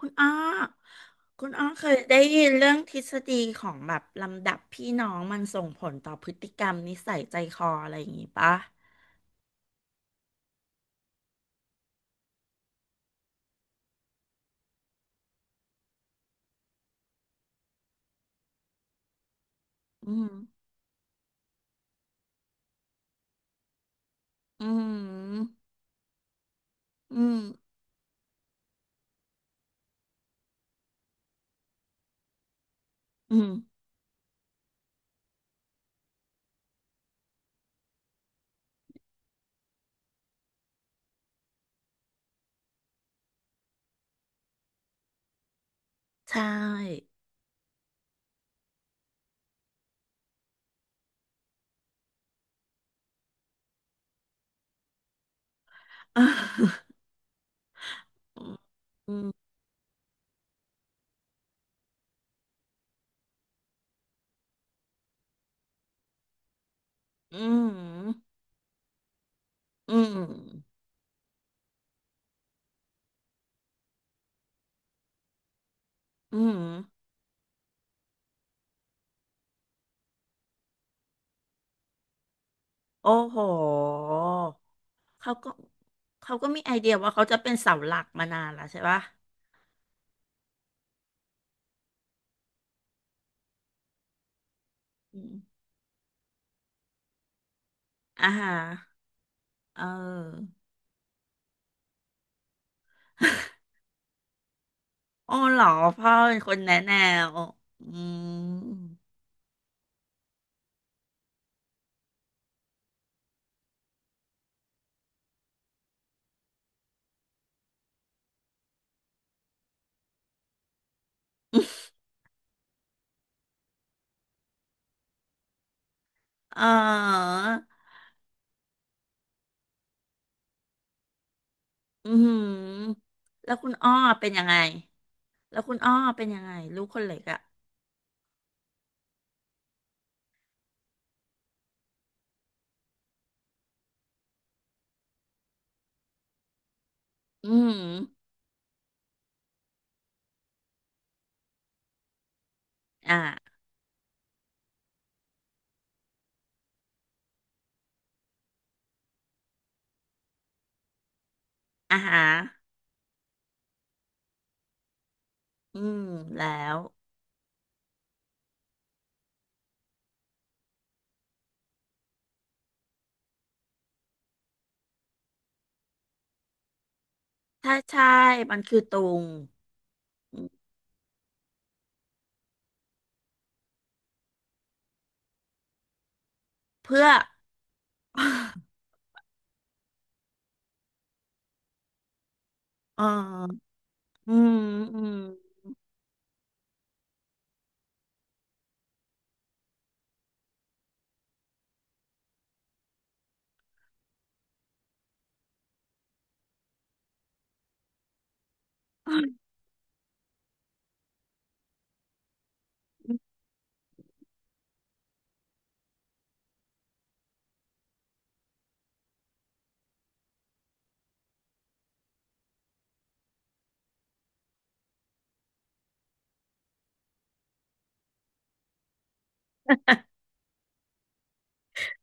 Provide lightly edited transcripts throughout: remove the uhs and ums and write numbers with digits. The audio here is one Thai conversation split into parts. คุณอ้อคุณอ้อเคยได้ยินเรื่องทฤษฎีของแบบลำดับพี่น้องมันส่งผลต่อพฤติกรรมนิสัยใจคออะไรอย่างงี้ปะอืมอืมอืมอืมใช่ อืมอืมอืมอืมโอ้โห เขาก็ เขาก็มีไอเดียว่าเขาจะเป็นเสาหลักมานานแล้วใช่ปะอืมอ่าฮะเออ อ๋อเหรอพ่อเป็นคนแนะแนวอืมเอออืมแล้วคุณอ้อเป็นยังไงแล้วคุณอ้อเป็นยังไงลูกคนเล็กอ่ะอืมอ่าอาหาอืมแล้วถ้าใช่มันคือตุงอืมเพื่อ อ๋ออืมอืม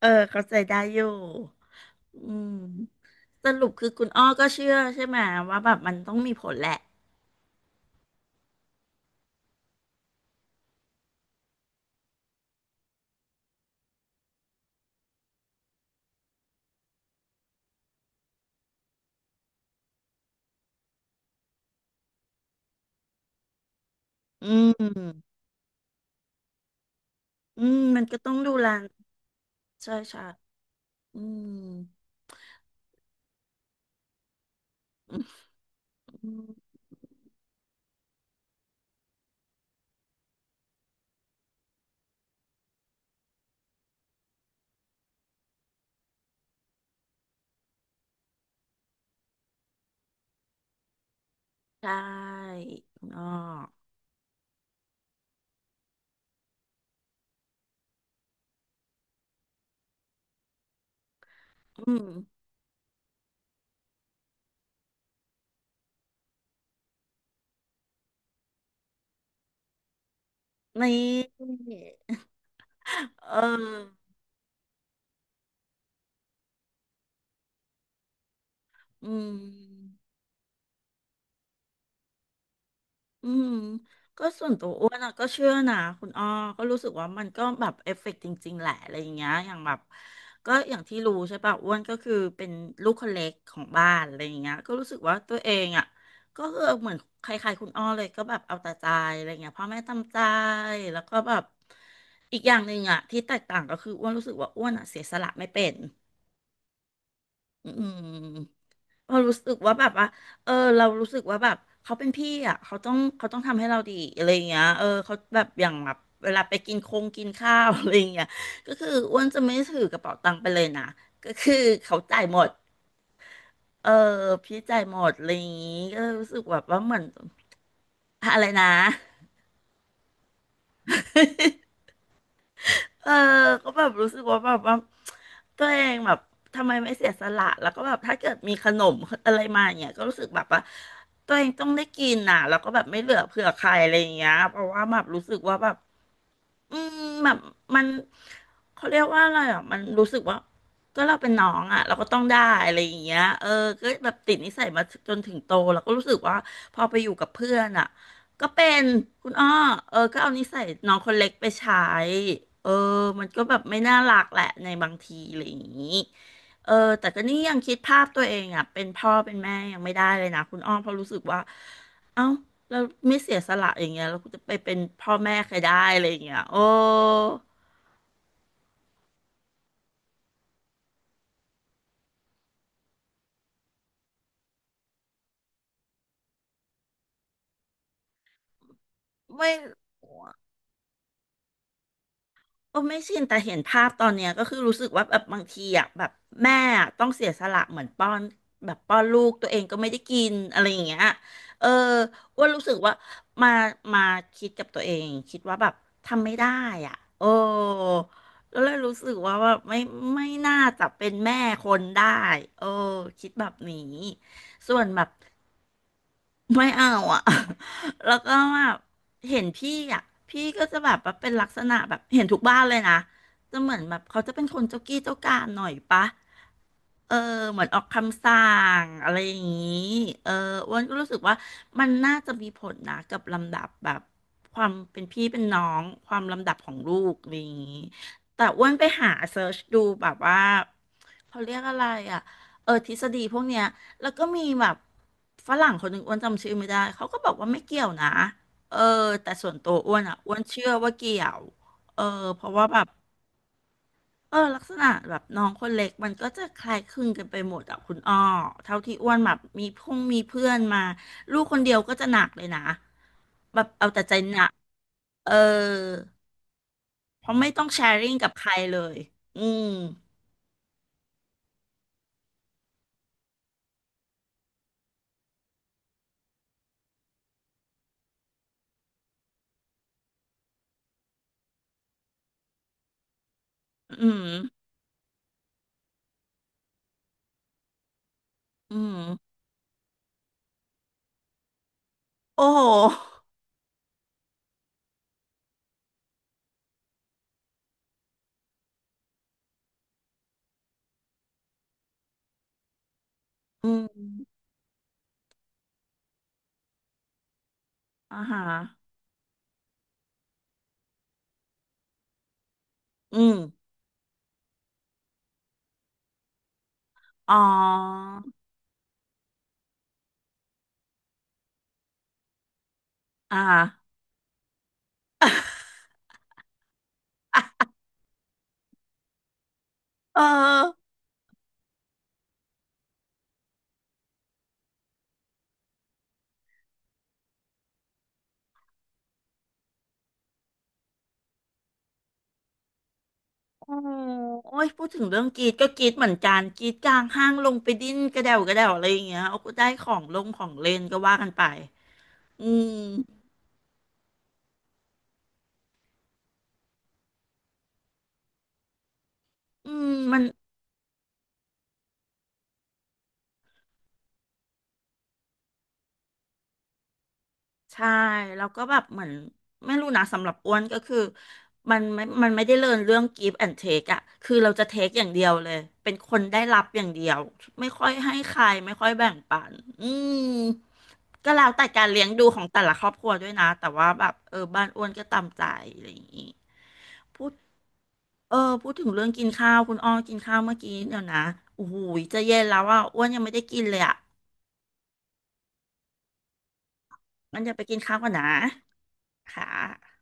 เออเข้าใจได้อยู่อืมสรุปคือคุณอ้อก็เชื่อใช่ไหมว่าแบบมันต้องมีผลแหละอืม อืมมันก็ต้องดูแลใช่อืมอืมใช่อ๋ออืมนี่ เอออืม อืมก็ส่วนตัวอ้วนอะก็เชื่อนะคุณอ้อก็รู้สึกว่ามันก็แบบเอฟเฟกต์จริงๆแหละอะไรอย่างเงี้ยอย่างแบบก็อย่างที่รู้ใช่ป่ะอ้วนก็คือเป็นลูกคนเล็กของบ้านอะไรอย่างเงี้ยก็รู้สึกว่าตัวเองอะก็คือเหมือนใครๆคุณอ้อเลยก็แบบเอาแต่ใจอะไรเงี้ยพ่อแม่ตามใจแล้วก็แบบอีกอย่างหนึ่งอะที่แตกต่างก็คืออ้วนรู้สึกว่าอ้วนอะเสียสละไม่เป็นอืม เรารู้สึกว่าแบบว่าเออเรารู้สึกว่าแบบเขาเป็นพี่อ่ะ เขาต้องทำให้เราดีอะไรอย่างเงี้ยเออเขาแบบอย่างแบบเวลาไปกินคงกินข้าว อะไรอย่างเงี้ยก็คืออ้วนจะไม่ถือกระเป๋าตังค์ไปเลยนะก็คือเขาจ่ายหมดเออพี่จ่ายหมดอะไรอย่างงี้ก็รู้สึกแบบว่าเหมือนอะไรนะ เออ ก็แบบรู้สึกว่าแบบว่าตัวเองแบบทำไมไม่เสียสละแล้วก็แบบถ้าเกิดมีขนมอะไรมาอย่างเงี้ยก็รู้สึกแบบว่าตัวเองต้องได้กินน่ะแล้วก็แบบไม่เหลือเผื่อใครอะไรอย่างเงี้ยเพราะว่าแบบรู้สึกว่าแบบ อืมแบบมันเขาเรียกว่าอะไรอ่ะมันรู้สึกว่าก็เราเป็นน้องอ่ะเราก็ต้องได้อะไรอย่างเงี้ยเออก็แบบติดนิสัยมาจนถึงโตแล้วก็รู้สึกว่าพอไปอยู่กับเพื่อนอ่ะก็เป็นคุณอ้อเออก็เอานิสัยน้องคนเล็กไปใช้เออมันก็แบบไม่น่ารักแหละในบางทีอะไรอย่างงี้เออแต่ก็นี่ยังคิดภาพตัวเองอ่ะเป็นพ่อเป็นแม่ยังไม่ได้เลยนะคุณอ้อเพราะรู้สึกว่าเอ้า เราไม่เสียสละอย่างเงี้ยเราจะไปเป็นพ่อแม่ใครได้อะไรอย่างเงี้ยไม่โอ้ไม่ชินแต่เห็นภาพตอนเนี้ยก็คือรู้สึกว่าแบบบางทีอ่ะแบบแม่อะต้องเสียสละเหมือนป้อนแบบป้อนลูกตัวเองก็ไม่ได้กินอะไรอย่างเงี้ยเอออ้วนรู้สึกว่ามามาคิดกับตัวเองคิดว่าแบบทำไม่ได้อ่ะโอ้แล้วเลยรู้สึกว่าว่าไม่น่าจะเป็นแม่คนได้เออคิดแบบนี้ส่วนแบบ ไม่เอาอ่ะ แล้วก็แบบเห็นพี่อ่ะพี่ก็จะแบบว่าเป็นลักษณะแบบเห็นทุกบ้านเลยนะ จะเหมือนแบบเขาจะเป็นคนเจ้ากี้เจ้าการหน่อยปะเออเหมือนออกคำสั่งอะไรอย่างนี้เอออ้วนก็รู้สึกว่ามันน่าจะมีผลนะกับลำดับแบบความเป็นพี่เป็นน้องความลำดับของลูกอะไรอย่างนี้แต่อ้วนไปหาเซิร์ชดูแบบว่า เขาเรียกอะไรอ่ะ เออทฤษฎีพวกเนี้ยแล้วก็มีแบบฝรั่งคนหนึ่งอ้วนจำชื่อไม่ได้ เขาก็บอกว่าไม่เกี่ยวนะเออแต่ส่วนตัวอ้วนอ่ะอ้วนเชื่อว่าเกี่ยวเออเพราะว่าแบบเออลักษณะแบบน้องคนเล็กมันก็จะคล้ายคลึงกันไปหมดอ่ะคุณอ้อเท่าที่อ้วนแบบมีพงมีเพื่อนมาลูกคนเดียวก็จะหนักเลยนะแบบเอาแต่ใจหนักเออเพราะไม่ต้องแชร์ริ่งกับใครเลยอืมอืมอืมโอ้โห อืม อ่าฮะอืมอ๋ออ่า เออโอ้โอ้ย พูดถึงเรื่องกรีดก็กรีดเหมือนกันกรีดกลางห้างลงไปดิ้นกระเดวกระเดวอะไรอย่างเงี้ยเอาก็ได้ของลงของเล่นก็ว่ากันไป อืม อืม มัน ใช่แล้วก็แบบเหมือนไม่รู้นะสำหรับอ้วนก็คือมันไม่ได้เรียนเรื่อง give and take อะคือเราจะ take อย่างเดียวเลยเป็นคนได้รับอย่างเดียวไม่ค่อยให้ใครไม่ค่อยแบ่งปันอืมก็แล้วแต่การเลี้ยงดูของแต่ละครอบครัวด้วยนะแต่ว่าแบบเออบ้านอ้วนก็ตามใจอะไรอย่างงี้พูดเออพูดถึงเรื่องกินข้าวคุณอ้อกินข้าวเมื่อกี้เดี๋ยวนะโอ้โหจะเย็นแล้วอ่ะอ้วนยังไม่ได้กินเลยอ่ะงั้นเดี๋ยวไปกินข้าวก่อนนะค่ะ